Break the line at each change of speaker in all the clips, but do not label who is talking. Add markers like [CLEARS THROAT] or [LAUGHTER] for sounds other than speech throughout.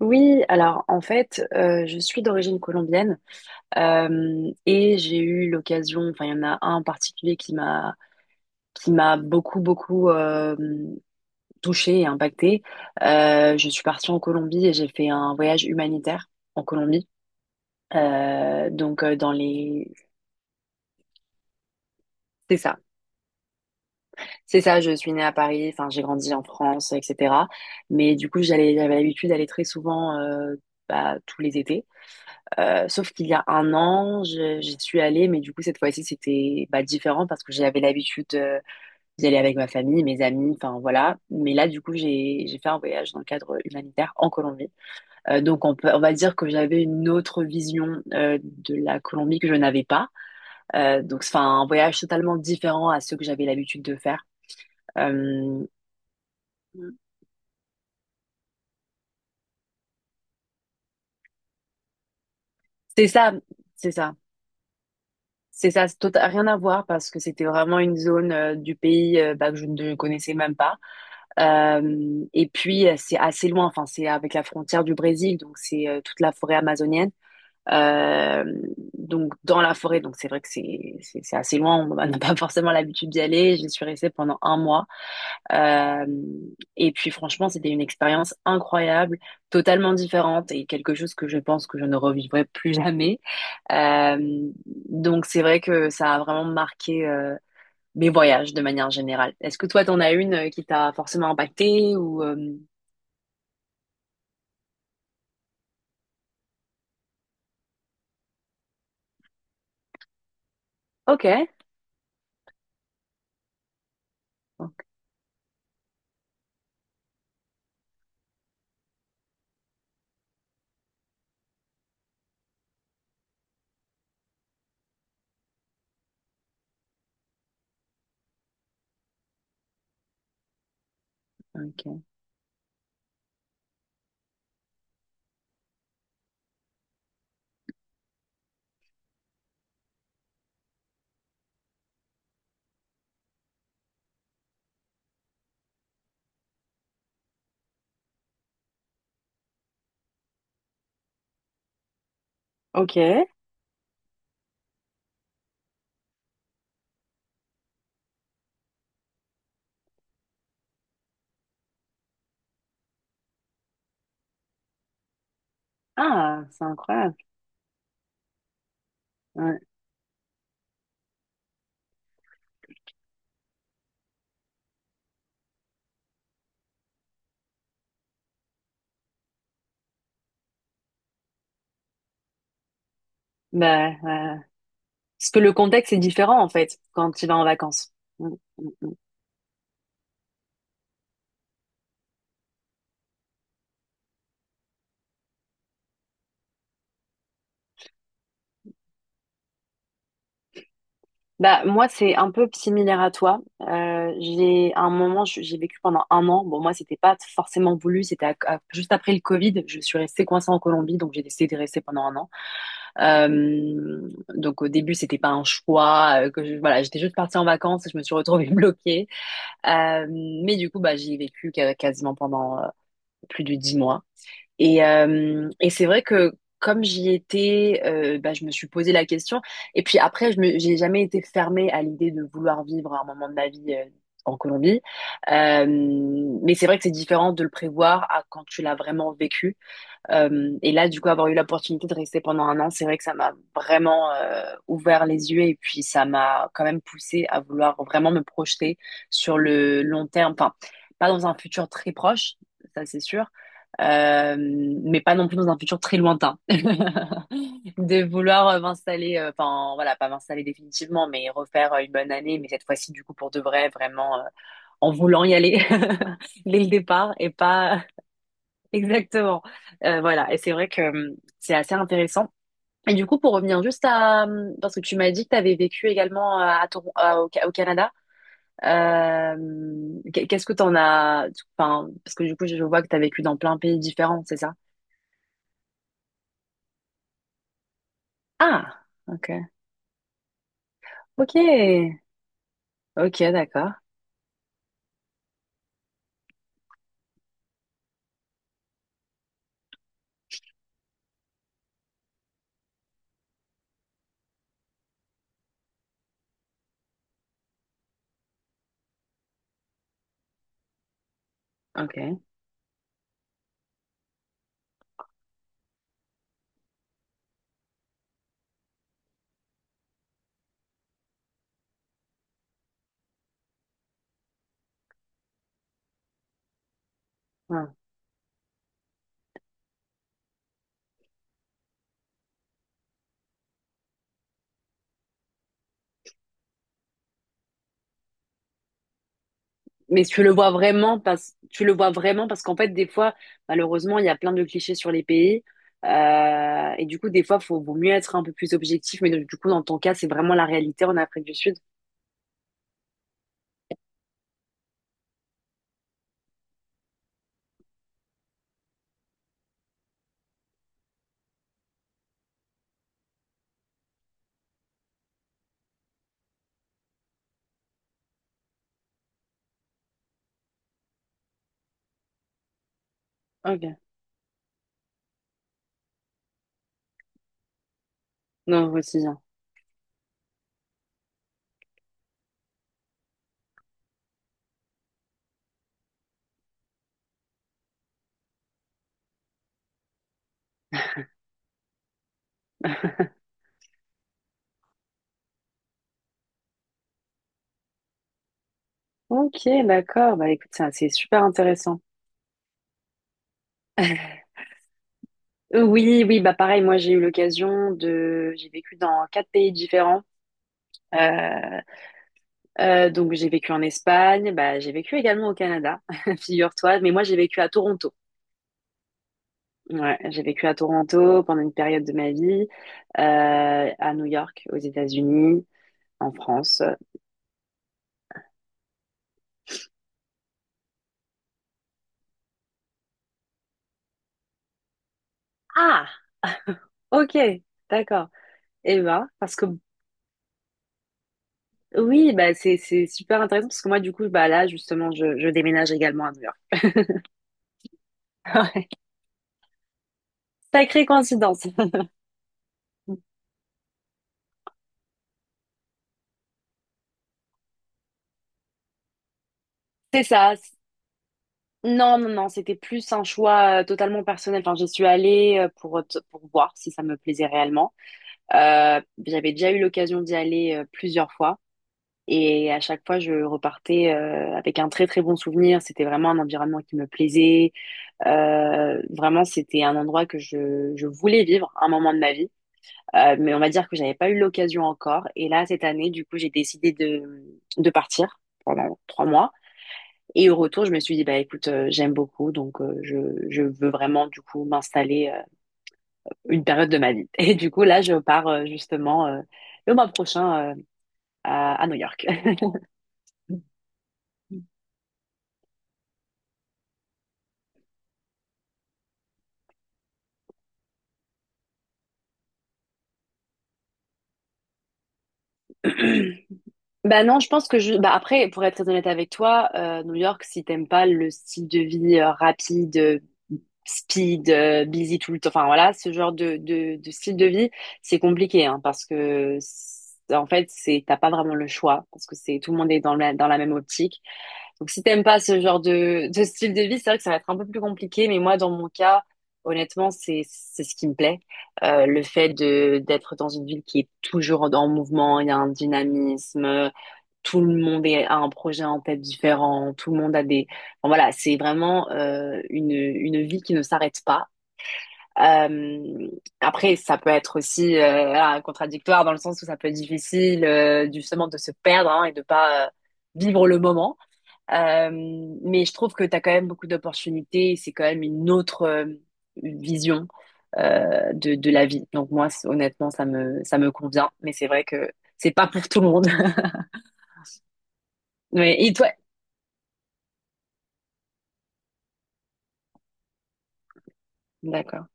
Oui, alors en fait, je suis d'origine colombienne et j'ai eu l'occasion, enfin il y en a un en particulier qui m'a beaucoup touchée et impactée. Je suis partie en Colombie et j'ai fait un voyage humanitaire en Colombie. Dans les, c'est ça. C'est ça, je suis née à Paris, enfin j'ai grandi en France, etc. Mais du coup, j'avais l'habitude d'aller très souvent, bah, tous les étés. Sauf qu'il y a un an, j'y suis allée, mais du coup cette fois-ci c'était bah, différent, parce que j'avais l'habitude d'y aller avec ma famille, mes amis, enfin voilà. Mais là, du coup, j'ai fait un voyage dans le cadre humanitaire en Colombie. Donc on peut, on va dire que j'avais une autre vision de la Colombie que je n'avais pas. Donc c'est enfin, un voyage totalement différent à ceux que j'avais l'habitude de faire. Euh, C'est ça, c'est ça, c'est ça, c'est rien à voir parce que c'était vraiment une zone du pays, bah, que je ne connaissais même pas. Et puis c'est assez loin, enfin c'est avec la frontière du Brésil, donc c'est, toute la forêt amazonienne. Euh, donc dans la forêt, donc c'est vrai que c'est assez loin, on n'a pas forcément l'habitude d'y aller. J'y suis restée pendant un mois. Euh, et puis franchement, c'était une expérience incroyable, totalement différente et quelque chose que je pense que je ne revivrai plus jamais. Euh, donc c'est vrai que ça a vraiment marqué, mes voyages de manière générale. Est-ce que toi, t'en as une, qui t'a forcément impacté ou Ok, ok. Ok. Ok. Ah, c'est incroyable. Ouais. Bah, parce que le contexte est différent en fait quand tu vas en vacances. Mm, mm. Bah moi c'est un peu similaire à toi. J'ai à un moment j'ai vécu pendant un an. Bon moi c'était pas forcément voulu, c'était juste après le Covid. Je suis restée coincée en Colombie, donc j'ai décidé de rester pendant un an. Donc au début c'était pas un choix voilà, j'étais juste partie en vacances et je me suis retrouvée [LAUGHS] bloquée. Euh, mais du coup bah j'y ai vécu quasiment pendant, plus de 10 mois. Et c'est vrai que comme j'y étais, bah, je me suis posé la question. Et puis après, j'ai jamais été fermée à l'idée de vouloir vivre un moment de ma vie en Colombie. Euh, mais c'est vrai que c'est différent de le prévoir à quand tu l'as vraiment vécu. Et là, du coup, avoir eu l'opportunité de rester pendant un an, c'est vrai que ça m'a vraiment ouvert les yeux et puis ça m'a quand même poussé à vouloir vraiment me projeter sur le long terme. Enfin, pas dans un futur très proche, ça c'est sûr, euh, mais pas non plus dans un futur très lointain. [LAUGHS] De vouloir, m'installer, enfin voilà, pas m'installer définitivement, mais refaire, une bonne année, mais cette fois-ci, du coup, pour de vrai, vraiment, en voulant y aller [LAUGHS] dès le départ et pas Exactement. Voilà, et c'est vrai que c'est assez intéressant. Et du coup, pour revenir juste à... parce que tu m'as dit que tu avais vécu également à Toron- à- au, Ca- au Canada. Euh, Qu'est-ce que t'en as... Enfin, parce que du coup, je vois que tu as vécu dans plein de pays différents, c'est ça? Ah, ok. Ok. Ok, d'accord. Ok. Ouais. Mais tu le vois vraiment parce qu'en fait des fois malheureusement il y a plein de clichés sur les pays. Et du coup des fois faut vaut mieux être un peu plus objectif, mais donc, du coup dans ton cas c'est vraiment la réalité en Afrique du Sud. Ok. Non, aussi bien. [LAUGHS] Ok, d'accord. Bah écoute, ça, c'est super intéressant. [LAUGHS] Oui, oui, bah pareil, moi j'ai eu l'occasion de... j'ai vécu dans 4 pays différents. Euh, donc j'ai vécu en Espagne, bah, j'ai vécu également au Canada, [LAUGHS] figure-toi, mais moi j'ai vécu à Toronto. Ouais, j'ai vécu à Toronto pendant une période de ma vie, à New York, aux États-Unis, en France. Ah, ok, d'accord. Et ben, parce que oui, bah c'est super intéressant parce que moi du coup bah là justement, je déménage également à New York. [LAUGHS] Sacrée coïncidence. C'est ça. Non, non, non, c'était plus un choix totalement personnel. Enfin, j'y suis allée, pour, pour voir si ça me plaisait réellement. Euh, J'avais déjà eu l'occasion d'y aller, plusieurs fois. Et à chaque fois, je repartais, avec un très très bon souvenir. C'était vraiment un environnement qui me plaisait. Vraiment, c'était un endroit que je voulais vivre un moment de ma vie. Mais on va dire que j'avais pas eu l'occasion encore. Et là, cette année, du coup, j'ai décidé de partir pendant 3 mois. Et au retour, je me suis dit, bah écoute, j'aime beaucoup, donc, je veux vraiment du coup m'installer, une période de ma vie. Et du coup, là, je pars, justement, le mois prochain, à New York. [CLEARS THROAT] [LAUGHS] Bah non, je pense que je. Bah après, pour être très honnête avec toi, New York, si t'aimes pas le style de vie, rapide, speed, busy tout le temps, enfin voilà, ce genre de style de vie, c'est compliqué, hein, parce que en fait, c'est t'as pas vraiment le choix, parce que c'est tout le monde est dans la même optique. Donc si t'aimes pas ce genre de style de vie, c'est vrai que ça va être un peu plus compliqué, mais moi, dans mon cas, honnêtement, c'est ce qui me plaît. Le fait de d'être dans une ville qui est toujours en mouvement, il y a un dynamisme, tout le monde a un projet en tête différent, tout le monde a des... Enfin, voilà, c'est vraiment, une vie qui ne s'arrête pas. Euh, Après, ça peut être aussi, voilà, contradictoire dans le sens où ça peut être difficile, justement de se perdre hein, et de pas, vivre le moment. Euh, mais je trouve que tu as quand même beaucoup d'opportunités et c'est quand même une autre, vision, de la vie. Donc moi, honnêtement, ça me convient, mais c'est vrai que c'est pas pour tout le monde. [LAUGHS] Mais et toi? D'accord.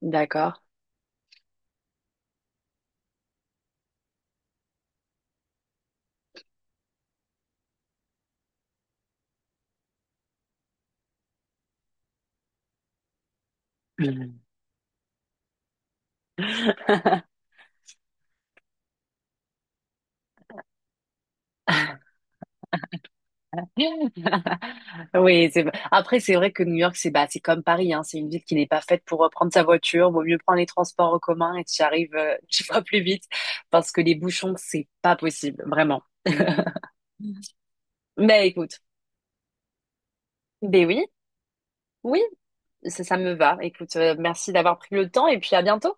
D'accord. Mhm. [LAUGHS] Oui, c'est... après, c'est vrai que New York, c'est bah, c'est comme Paris, hein. C'est une ville qui n'est pas faite pour, prendre sa voiture. Vaut mieux prendre les transports en commun et tu arrives, [LAUGHS] tu vas plus vite parce que les bouchons, c'est pas possible, vraiment. [LAUGHS] Mais écoute, ben oui, oui, ça me va. Écoute, merci d'avoir pris le temps et puis à bientôt.